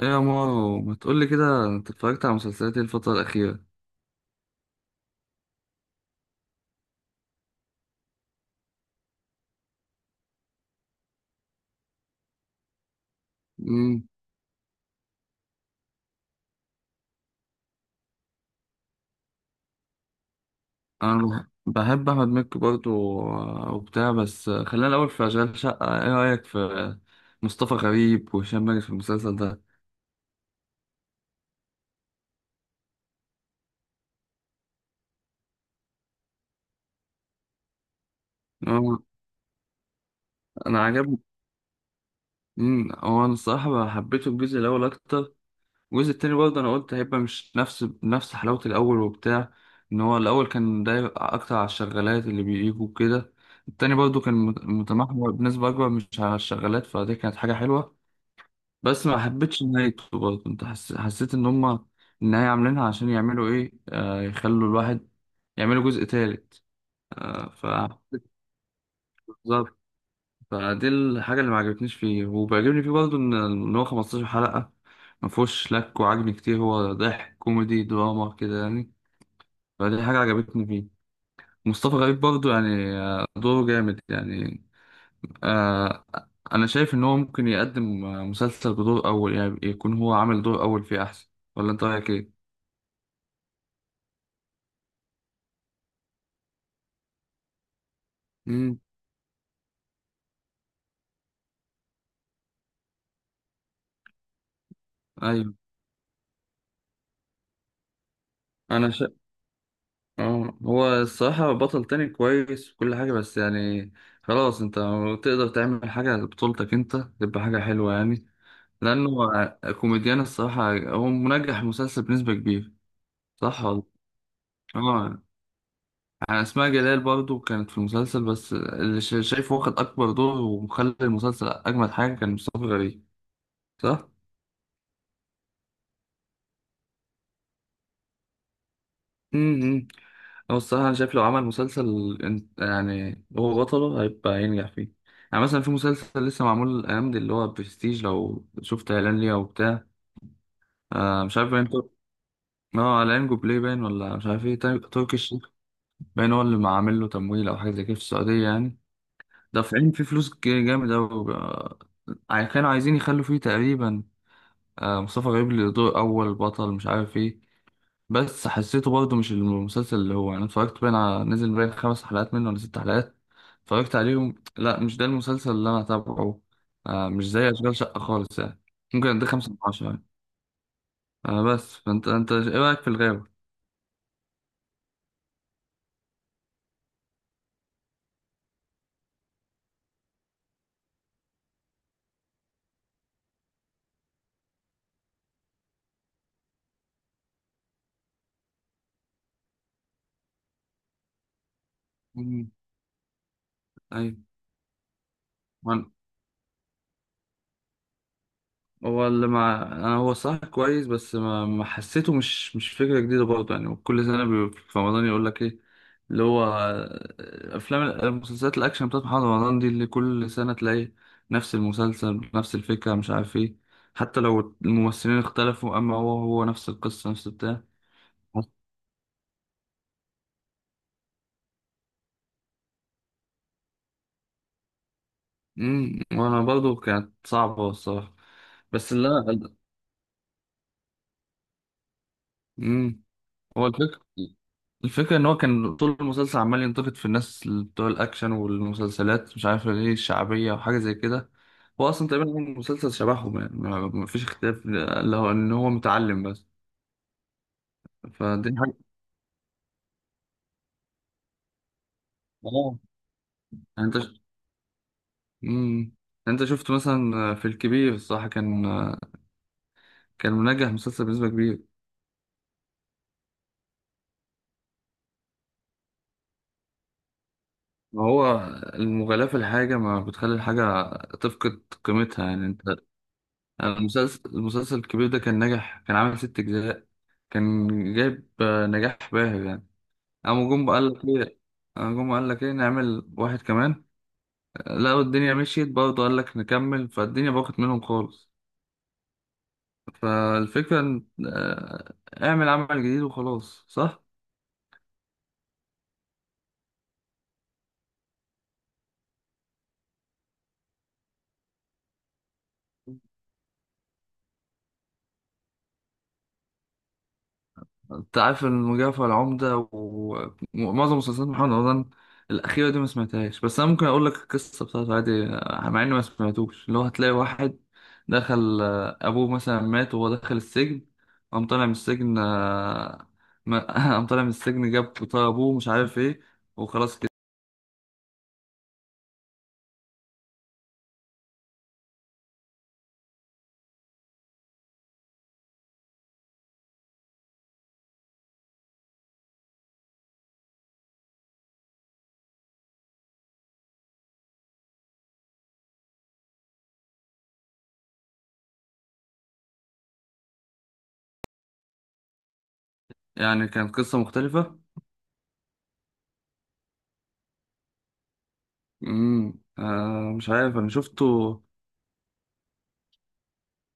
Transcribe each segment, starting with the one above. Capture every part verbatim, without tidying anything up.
ايه يا مارو، ما تقولي كده، انت اتفرجت على مسلسلات إيه الفترة الأخيرة؟ امم انا بح- بحب احمد مكي برضو. آه، وبتاع. بس آه، خلينا الاول في اشغال شقة، ايه رأيك في آه، مصطفى غريب وهشام ماجد في المسلسل ده؟ هو- انا عجبني. امم هو انا الصراحة حبيته الجزء الاول اكتر. الجزء التاني برضه انا قلت هيبقى مش نفس نفس حلاوة الاول وبتاع. ان هو الاول كان داير اكتر على الشغالات اللي بيجوا كده. التاني برضه كان مت- متمحور بنسبة أكبر مش على الشغالات، فدي كانت حاجة حلوة. بس ما حبيتش نهايته برضه. انت حس... حسيت ان هما النهاية عاملينها عشان يعملوا ايه، آه، يخلوا الواحد يعملوا جزء تالت. آه ف بالظبط. فدي الحاجة اللي ما عجبتنيش فيه، وبيعجبني فيه برضه ان إن هو خمستاشر حلقة ما فيهوش لك وعجن كتير، هو ضحك كوميدي دراما كده يعني. فدي حاجة عجبتني فيه. مصطفى غريب برضه يعني آه، دوره جامد يعني. آه، انا شايف ان هو ممكن يقدم آه، مسلسل بدور اول، يعني يكون هو عامل دور اول فيه احسن. ولا انت رايك ايه؟ امم ايوه. انا شا... آه، هو الصراحه بطل تاني كويس وكل حاجه، بس يعني خلاص، انت تقدر تعمل حاجه بطولتك انت تبقى حاجه حلوه يعني. لانه كوميديان الصراحه، هو منجح مسلسل بنسبه كبيره. صح والله. اه يعني اسماء جلال برضو كانت في المسلسل، بس اللي شا- شايفه واخد اكبر دور ومخلي المسلسل اجمد حاجه كان مصطفى غريب. صح؟ امم هو الصراحة أنا شايف لو عمل مسلسل إن- يعني هو بطله هيبقى ينجح فيه. يعني مثلا في مسلسل لسه معمول الأيام دي اللي هو برستيج، لو شفت إعلان ليه أو بتاع. آه مش عارف باين تر- اه على بلاي باين، ولا مش عارف ايه، تر- تركي باين هو اللي عامل له تمويل أو حاجة زي كده في السعودية يعني. دافعين فيه فلوس ج- جامد أوي. آه، كانوا عايزين يخلوا فيه تقريبا آه مصطفى غريب اللي دور أول بطل، مش عارف ايه. بس حسيته برضه مش المسلسل اللي هو انا اتفرجت باين على نزل باين خمس حلقات منه ولا ست حلقات. اتفرجت عليهم، لا مش ده المسلسل اللي انا هتابعه. آه مش زي اشغال شقة خالص يعني. ممكن ده خمسة من عشرة يعني. آه بس فانت انت ايه رأيك في الغاوي؟ مم. ايوه هو اللي مع انا. هو صح كويس، بس ما, ما حسيته، مش مش فكره جديده برضه يعني. كل سنه بي- في رمضان، يقول لك ايه اللي هو افلام المسلسلات الاكشن بتاعت محمد رمضان دي، اللي كل سنه تلاقي نفس المسلسل بنفس الفكره، مش عارف ايه. حتى لو الممثلين اختلفوا، اما هو هو نفس القصه نفس بتاع. امم وانا برضه كانت صعبه الصراحه. بس اللي انا امم هو الفكرة الفكرة إن هو كان طول المسلسل عمال ينتقد في الناس اللي بتوع الأكشن والمسلسلات، مش عارف ليه الشعبية وحاجة زي كده. هو أصلا تقريبا هو المسلسل شبههم يعني، ما- مفيش اختلاف اللي هو إن هو متعلم بس. فدي حاجة. آه. يعني أنت ش... مم. أنت شفت مثلا في الكبير، الصراحة كان كان منجح مسلسل بنسبة كبيرة. ما هو المغالاة في الحاجة ما بتخلي الحاجة تفقد قيمتها يعني. أنت المسلسل المسلسل الكبير ده كان ناجح. كان عامل ست أجزاء. كان جايب آه، نجاح باهر يعني. قام جم قال لك ايه قام جم قال لك ايه نعمل واحد كمان. آه، لقوا الدنيا مشيت برضه، قال لك نكمل، فالدنيا باخت منهم خالص. فالفكرة إن- آه، اعمل عمل جديد وخلاص، صح. انت عارف المجعفر العمدة و- ومعظم مسلسلات محمد رمضان الأخيرة دي ما سمعتهاش. بس أنا ممكن أقول لك القصة بتاعته عادي، مع إني ما سمعتوش. اللي هو هتلاقي واحد دخل، آه، أبوه مثلا مات وهو داخل السجن. قام طالع من السجن، آه، ما- قام طالع من السجن جاب طار أبوه، مش عارف إيه، وخلاص كده. يعني كانت قصة مختلفة. امم آه مش عارف أنا شفته.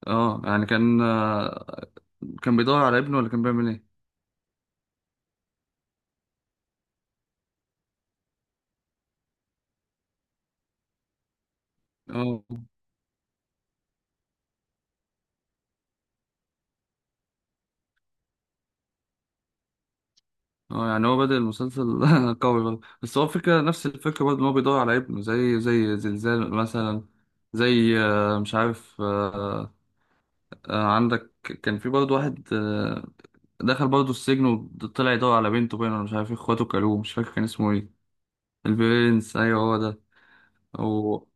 اه يعني كان آه، كان بيدور على ابنه، ولا كان بيعمل إيه؟ اه. اه يعني هو بدأ المسلسل قوي برضه. بس هو الفكرة نفس الفكرة برضه، إن هو بيدور على ابنه زي زي زلزال مثلا. زي آه، مش عارف آه، آه، عندك كان في برضه واحد آه، دخل برضه السجن وطلع يدور على بنته باين، ولا مش عارف إيه، اخواته كلوه، مش فاكر كان اسمه ايه. البرنس، ايوه هو ده. أو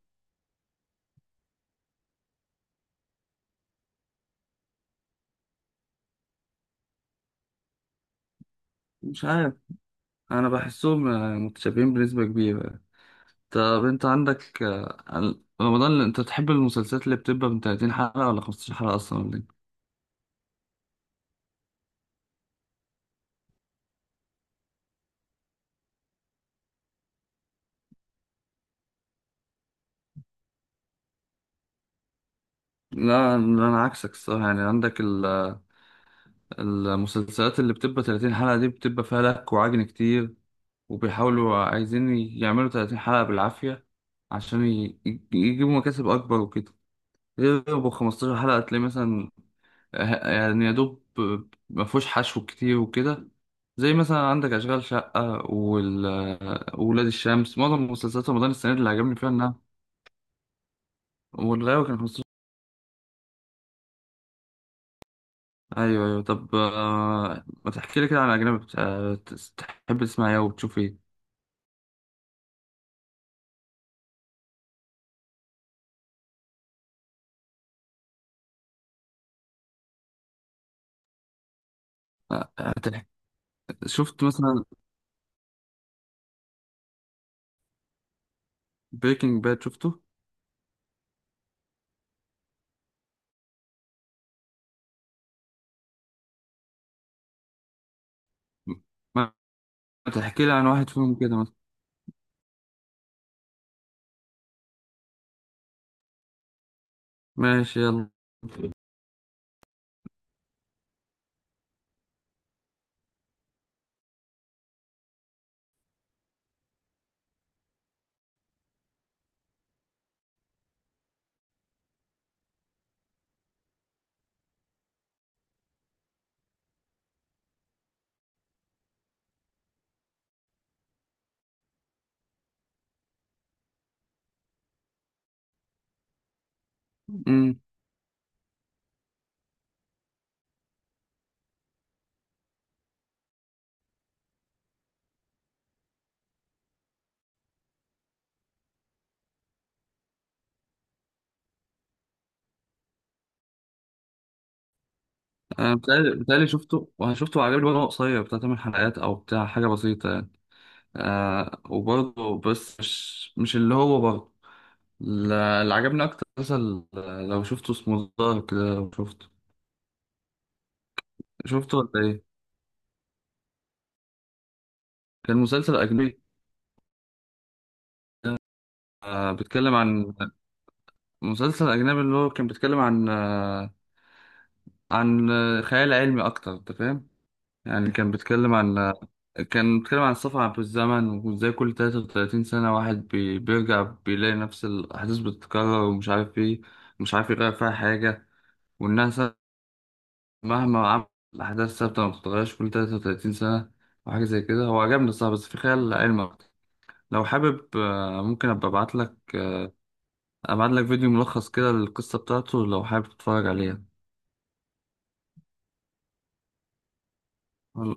مش عارف، أنا بحسهم آه، متشابهين بنسبة كبيرة. طب أنت عندك آه، رمضان، أنت تحب المسلسلات اللي بتبقى من ثلاثين حلقة ولا خمستاشر حلقة أصلا؟ لا انا عكسك الصراحه يعني. عندك ال- المسلسلات اللي بتبقى ثلاثين حلقه دي بتبقى فيها لك وعجن كتير، وبيحاولوا عايزين يعملوا ثلاثين حلقه بالعافيه عشان ي- ي- يجيبوا مكاسب اكبر وكده. غير ابو خمستاشر حلقه تلاقي مثلا ه- يعني يا دوب ما فيهوش حشو كتير وكده. زي مثلا عندك اشغال شقه، وال- ولاد الشمس. معظم مسلسلات رمضان السنه دي اللي عجبني فيها انها والغاوي كان. ايوه، ايوه. طب آه، ما تحكي لي كده عن اجنبي، بت- آه، تحب تسمع ايه وبتشوف ايه؟ آه، هتح- شفت مثلا بريكنج باد شفته؟ ما تحكي لي عن واحد فيهم كده مثلا. ماشي يلا. امم انا بتهيألي بتهيألي شفته، وشفته وعجبني برضه. هو قصير بتاع تمن حلقات او بتاع حاجه بسيطه يعني. آه وبرضه بس مش مش اللي هو برضه لا- اللي عجبني اكتر مثلا لو شفته اسمه دارك كده، لو شفته. شفته ولا ايه؟ كان مسلسل اجنبي. آه بيتكلم عن مسلسل أجنبي اللي هو كان بيتكلم عن آه، عن آه، خيال علمي أكتر، أنت فاهم؟ يعني كان بيتكلم عن آه، كان بيتكلم عن السفر في الزمن، وإزاي كل ثلاثة وثلاثين سنة واحد بي- بيرجع بيلاقي نفس الأحداث بتتكرر، ومش عارف إيه، مش عارف يغير فيها حاجة. والناس مهما عمل الأحداث ثابتة ما بتتغيرش كل ثلاثة وثلاثين سنة وحاجة زي كده. هو عجبني الصراحة، بس في خيال علمي أكتر. لو حابب آه، ممكن أبقى أبعت لك أبعت لك فيديو ملخص كده للقصة بتاعته، لو حابب تتفرج عليها.